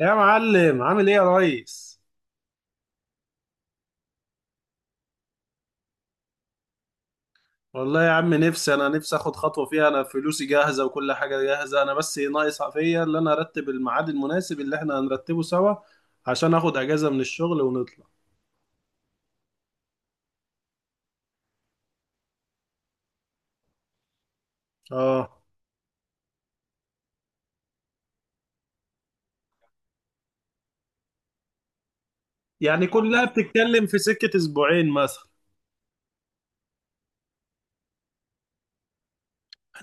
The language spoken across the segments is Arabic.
يا معلم، عامل ايه يا ريس؟ والله يا عم نفسي، انا نفسي اخد خطوه فيها. انا فلوسي جاهزه وكل حاجه جاهزه. انا بس ناقص فيا اللي انا ارتب الميعاد المناسب اللي احنا هنرتبه سوا، عشان اخد اجازه من الشغل ونطلع. اه، يعني كلها بتتكلم في سكه اسبوعين مثلا.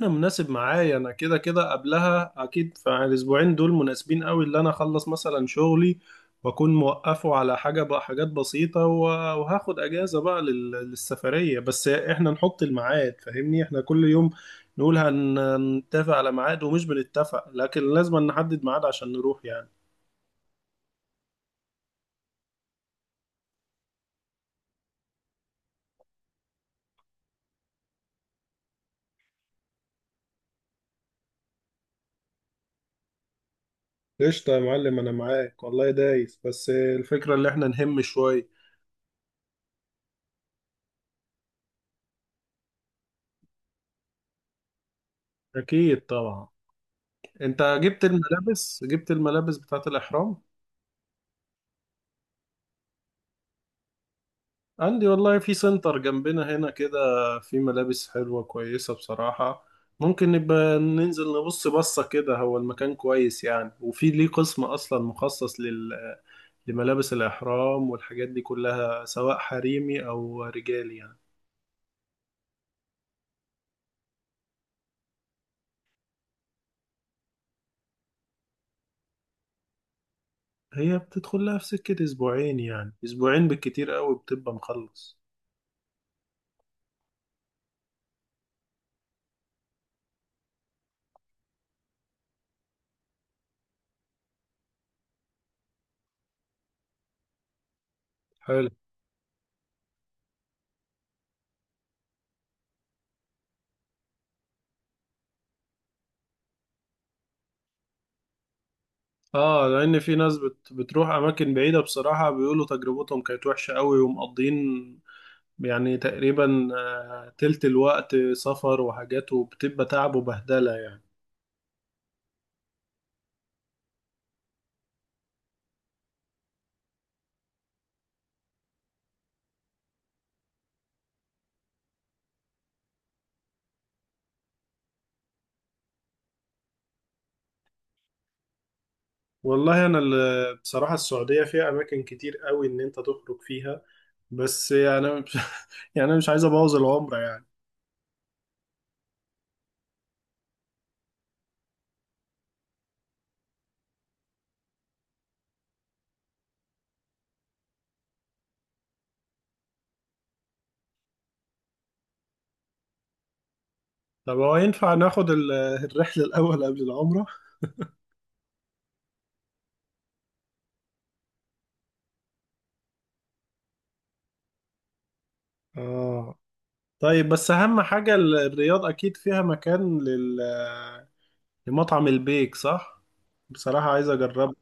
انا مناسب معايا، انا كده كده قبلها اكيد، فالاسبوعين دول مناسبين قوي، اللي انا اخلص مثلا شغلي واكون موقفه على حاجه بقى، حاجات بسيطه وهاخد اجازه بقى للسفريه. بس احنا نحط الميعاد، فاهمني؟ احنا كل يوم نقول هنتفق على ميعاد ومش بنتفق، لكن لازم نحدد ميعاد عشان نروح يعني. قشطة يا معلم، انا معاك والله دايس، بس الفكره اللي احنا نهم شويه. اكيد طبعا. انت جبت الملابس، جبت الملابس بتاعت الاحرام؟ عندي والله، في سنتر جنبنا هنا كده، في ملابس حلوة كويسة بصراحة. ممكن نبقى ننزل نبص بصة كده، هو المكان كويس يعني، وفي ليه قسم أصلا مخصص لل... لملابس الإحرام والحاجات دي كلها، سواء حريمي أو رجالي يعني. هي بتدخل لها في سكة أسبوعين، يعني أسبوعين بالكتير قوي بتبقى مخلص. حلو. اه، لان في ناس بتروح اماكن بعيده، بصراحه بيقولوا تجربتهم كانت وحشه قوي ومقضين يعني تقريبا آه، تلت الوقت سفر وحاجات، وبتبقى تعب وبهدلة يعني. والله أنا بصراحة السعودية فيها أماكن كتير قوي إن أنت تخرج فيها، بس يعني مش، يعني أنا مش عايز أبوظ العمرة يعني. طب هو ينفع ناخد الرحلة الأول قبل العمرة؟ آه. طيب بس أهم حاجة الرياض أكيد فيها مكان لل لمطعم البيك صح؟ بصراحة عايز أجربه.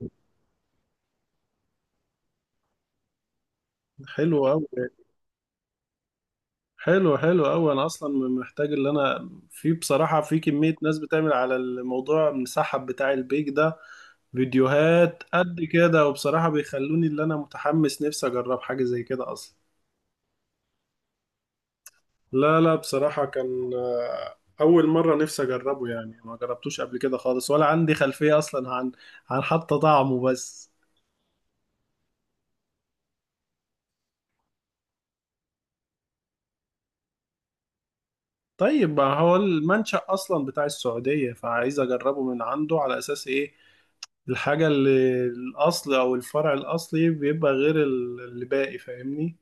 حلو أوي. حلو، حلو قوي. انا اصلا محتاج، اللي انا في بصراحه في كميه ناس بتعمل على الموضوع المسحب بتاع البيك ده فيديوهات قد كده، وبصراحه بيخلوني اللي انا متحمس نفسي اجرب حاجه زي كده اصلا. لا لا، بصراحه كان آه، اول مره نفسي اجربه يعني، ما جربتوش قبل كده خالص، ولا عندي خلفيه اصلا عن عن حتى طعمه بس. طيب، ما هو المنشأ اصلا بتاع السعوديه، فعايز اجربه من عنده على اساس ايه الحاجة اللي الأصل، أو الفرع الأصلي بيبقى غير اللي باقي، فاهمني؟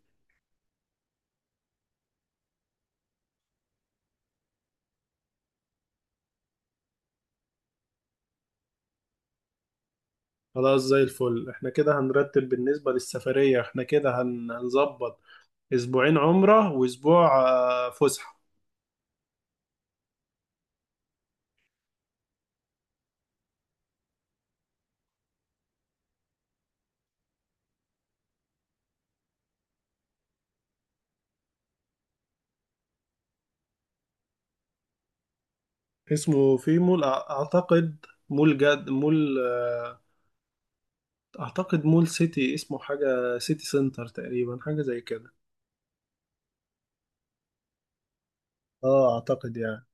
خلاص زي الفل، احنا كده هنرتب بالنسبة للسفرية. احنا كده هنظبط أسبوعين عمرة وأسبوع آه، فسحة. اسمه في مول أعتقد مول جد مول آه، أعتقد مول سيتي، اسمه حاجة سيتي سنتر تقريبا، حاجة زي كده. اه أعتقد يعني.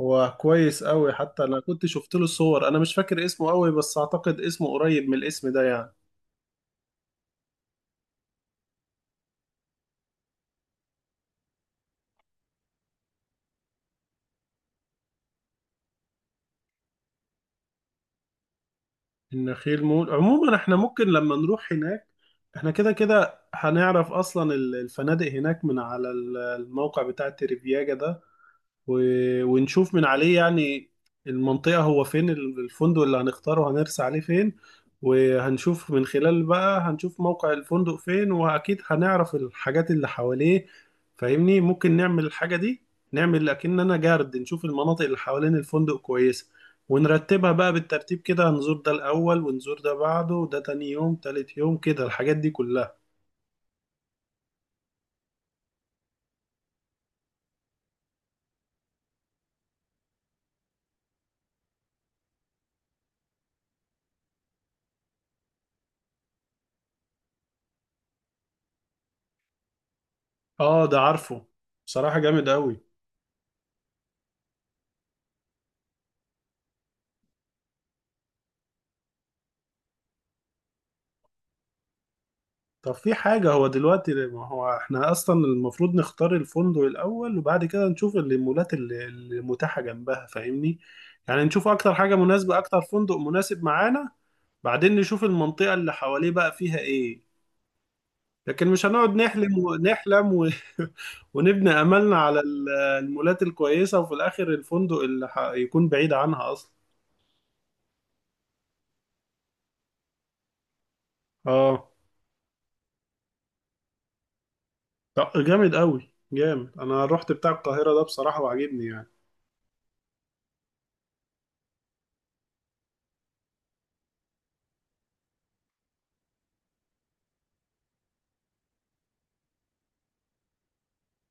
هو كويس أوي، حتى أنا كنت شفت له صور، أنا مش فاكر اسمه أوي بس أعتقد اسمه قريب من الاسم ده يعني. النخيل مول. عموما احنا ممكن لما نروح هناك احنا كده كده هنعرف اصلا الفنادق هناك، من على الموقع بتاع تريفياجا ده، ونشوف من عليه يعني المنطقة، هو فين الفندق اللي هنختاره، هنرسى عليه فين. وهنشوف من خلال بقى، هنشوف موقع الفندق فين، وأكيد هنعرف الحاجات اللي حواليه، فاهمني؟ ممكن نعمل الحاجة دي، نعمل أكننا جارد، نشوف المناطق اللي حوالين الفندق كويسة، ونرتبها بقى بالترتيب كده. هنزور ده الأول، ونزور ده بعده، ده تاني يوم، تالت يوم كده، الحاجات دي كلها. اه ده عارفه، بصراحة جامد أوي. طب في حاجة، هو دلوقتي ما هو احنا اصلا المفروض نختار الفندق الاول، وبعد كده نشوف المولات اللي متاحة جنبها، فاهمني؟ يعني نشوف اكتر حاجة مناسبة، اكتر فندق مناسب معانا، بعدين نشوف المنطقة اللي حواليه بقى فيها ايه. لكن مش هنقعد نحلم ونحلم و... ونبني املنا على المولات الكويسة، وفي الاخر الفندق اللي ح... يكون بعيد عنها اصلا. اه. طب جامد قوي، جامد. انا رحت بتاع القاهرة ده بصراحة وعجبني يعني.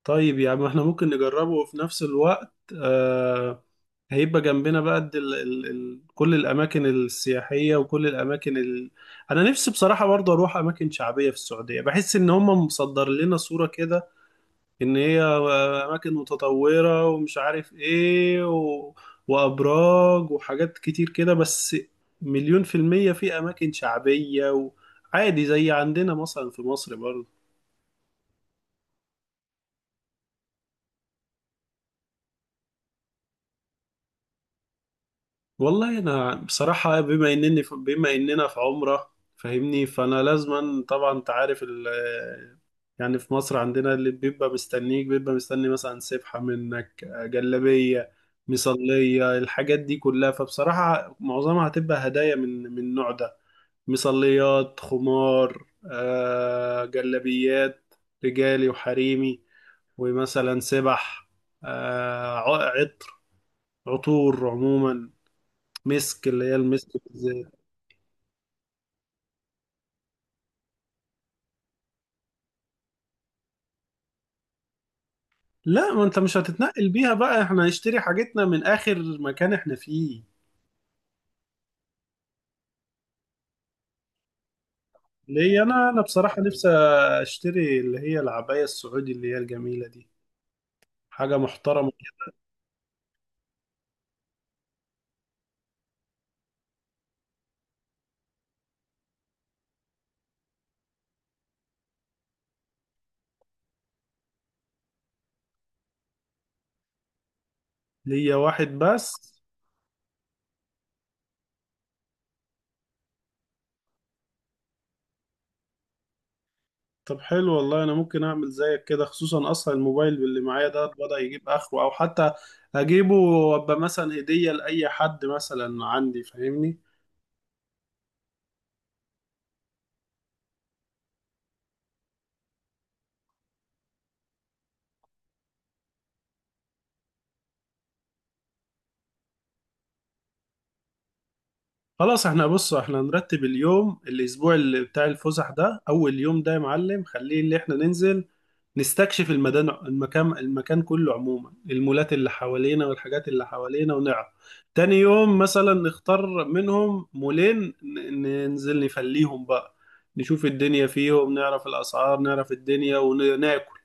طيب يا عم، احنا ممكن نجربه، وفي نفس الوقت آه، هيبقى جنبنا بقى قد ال كل الأماكن السياحية، وكل الأماكن ال... أنا نفسي بصراحة برضه أروح أماكن شعبية في السعودية، بحس إن هم مصدر لنا صورة كده إن هي آه، أماكن متطورة ومش عارف إيه و... وأبراج وحاجات كتير كده، بس مليون في المية في أماكن شعبية، وعادي زي عندنا مثلا في مصر برضه. والله انا بصراحه، بما انني في بما اننا في عمره فاهمني، فانا لازما طبعا انت عارف ال، يعني في مصر عندنا اللي بيبقى مستنيك، بيبقى مستني مثلا سبحه منك، جلابيه، مصليه، الحاجات دي كلها. فبصراحه معظمها هتبقى هدايا من النوع ده. مصليات، خمار، آه جلابيات، رجالي وحريمي، ومثلا سبح، آه عطر، عطور عموما، مسك اللي هي المسك بالزيت. لا، ما انت مش هتتنقل بيها بقى، احنا هنشتري حاجتنا من اخر مكان احنا فيه. ليه؟ انا بصراحة نفسي اشتري اللي هي العباية السعودي، اللي هي الجميلة دي، حاجة محترمة. ليا واحد بس. طب حلو والله، انا ممكن اعمل زيك كده، خصوصا اصلا الموبايل اللي معايا ده بدأ يجيب اخره، او حتى اجيبه وابقى مثلا هدية لاي حد مثلا عندي، فاهمني؟ خلاص احنا بص، احنا نرتب اليوم الاسبوع اللي بتاع الفسح ده. اول يوم ده يا معلم خليه اللي احنا ننزل نستكشف المدن، المكان المكان كله عموما، المولات اللي حوالينا والحاجات اللي حوالينا ونعرف. تاني يوم مثلا نختار منهم مولين، ننزل نفليهم بقى، نشوف الدنيا فيهم، نعرف الاسعار، نعرف الدنيا، وناكل،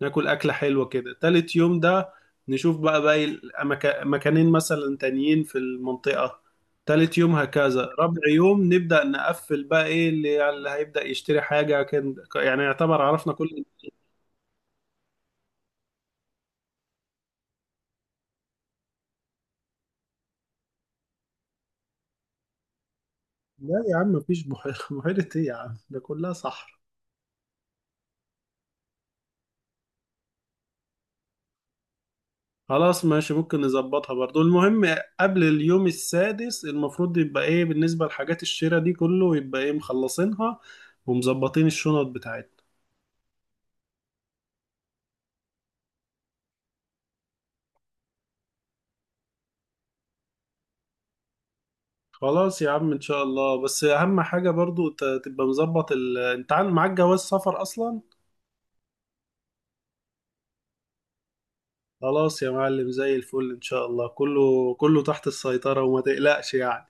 ناكل أكلة حلوة كده. تالت يوم ده نشوف بقى باقي مكانين مثلا تانيين في المنطقة. تالت يوم هكذا، رابع يوم نبدأ نقفل بقى إيه، اللي هيبدأ يشتري حاجة كان يعني، يعتبر عرفنا كل. لا يا عم، مفيش بحيرة بحيرة إيه يا عم، ده كلها صحراء. خلاص ماشي، ممكن نظبطها برضو. المهم قبل اليوم السادس المفروض يبقى إيه بالنسبة لحاجات الشراء دي، كله يبقى إيه مخلصينها، ومظبطين الشنط بتاعتنا. خلاص يا عم ان شاء الله. بس اهم حاجة برضو تبقى مظبط ال... انت معاك جواز سفر اصلا؟ خلاص يا معلم زي الفل، ان شاء الله كله، كله تحت السيطرة، وما تقلقش يعني.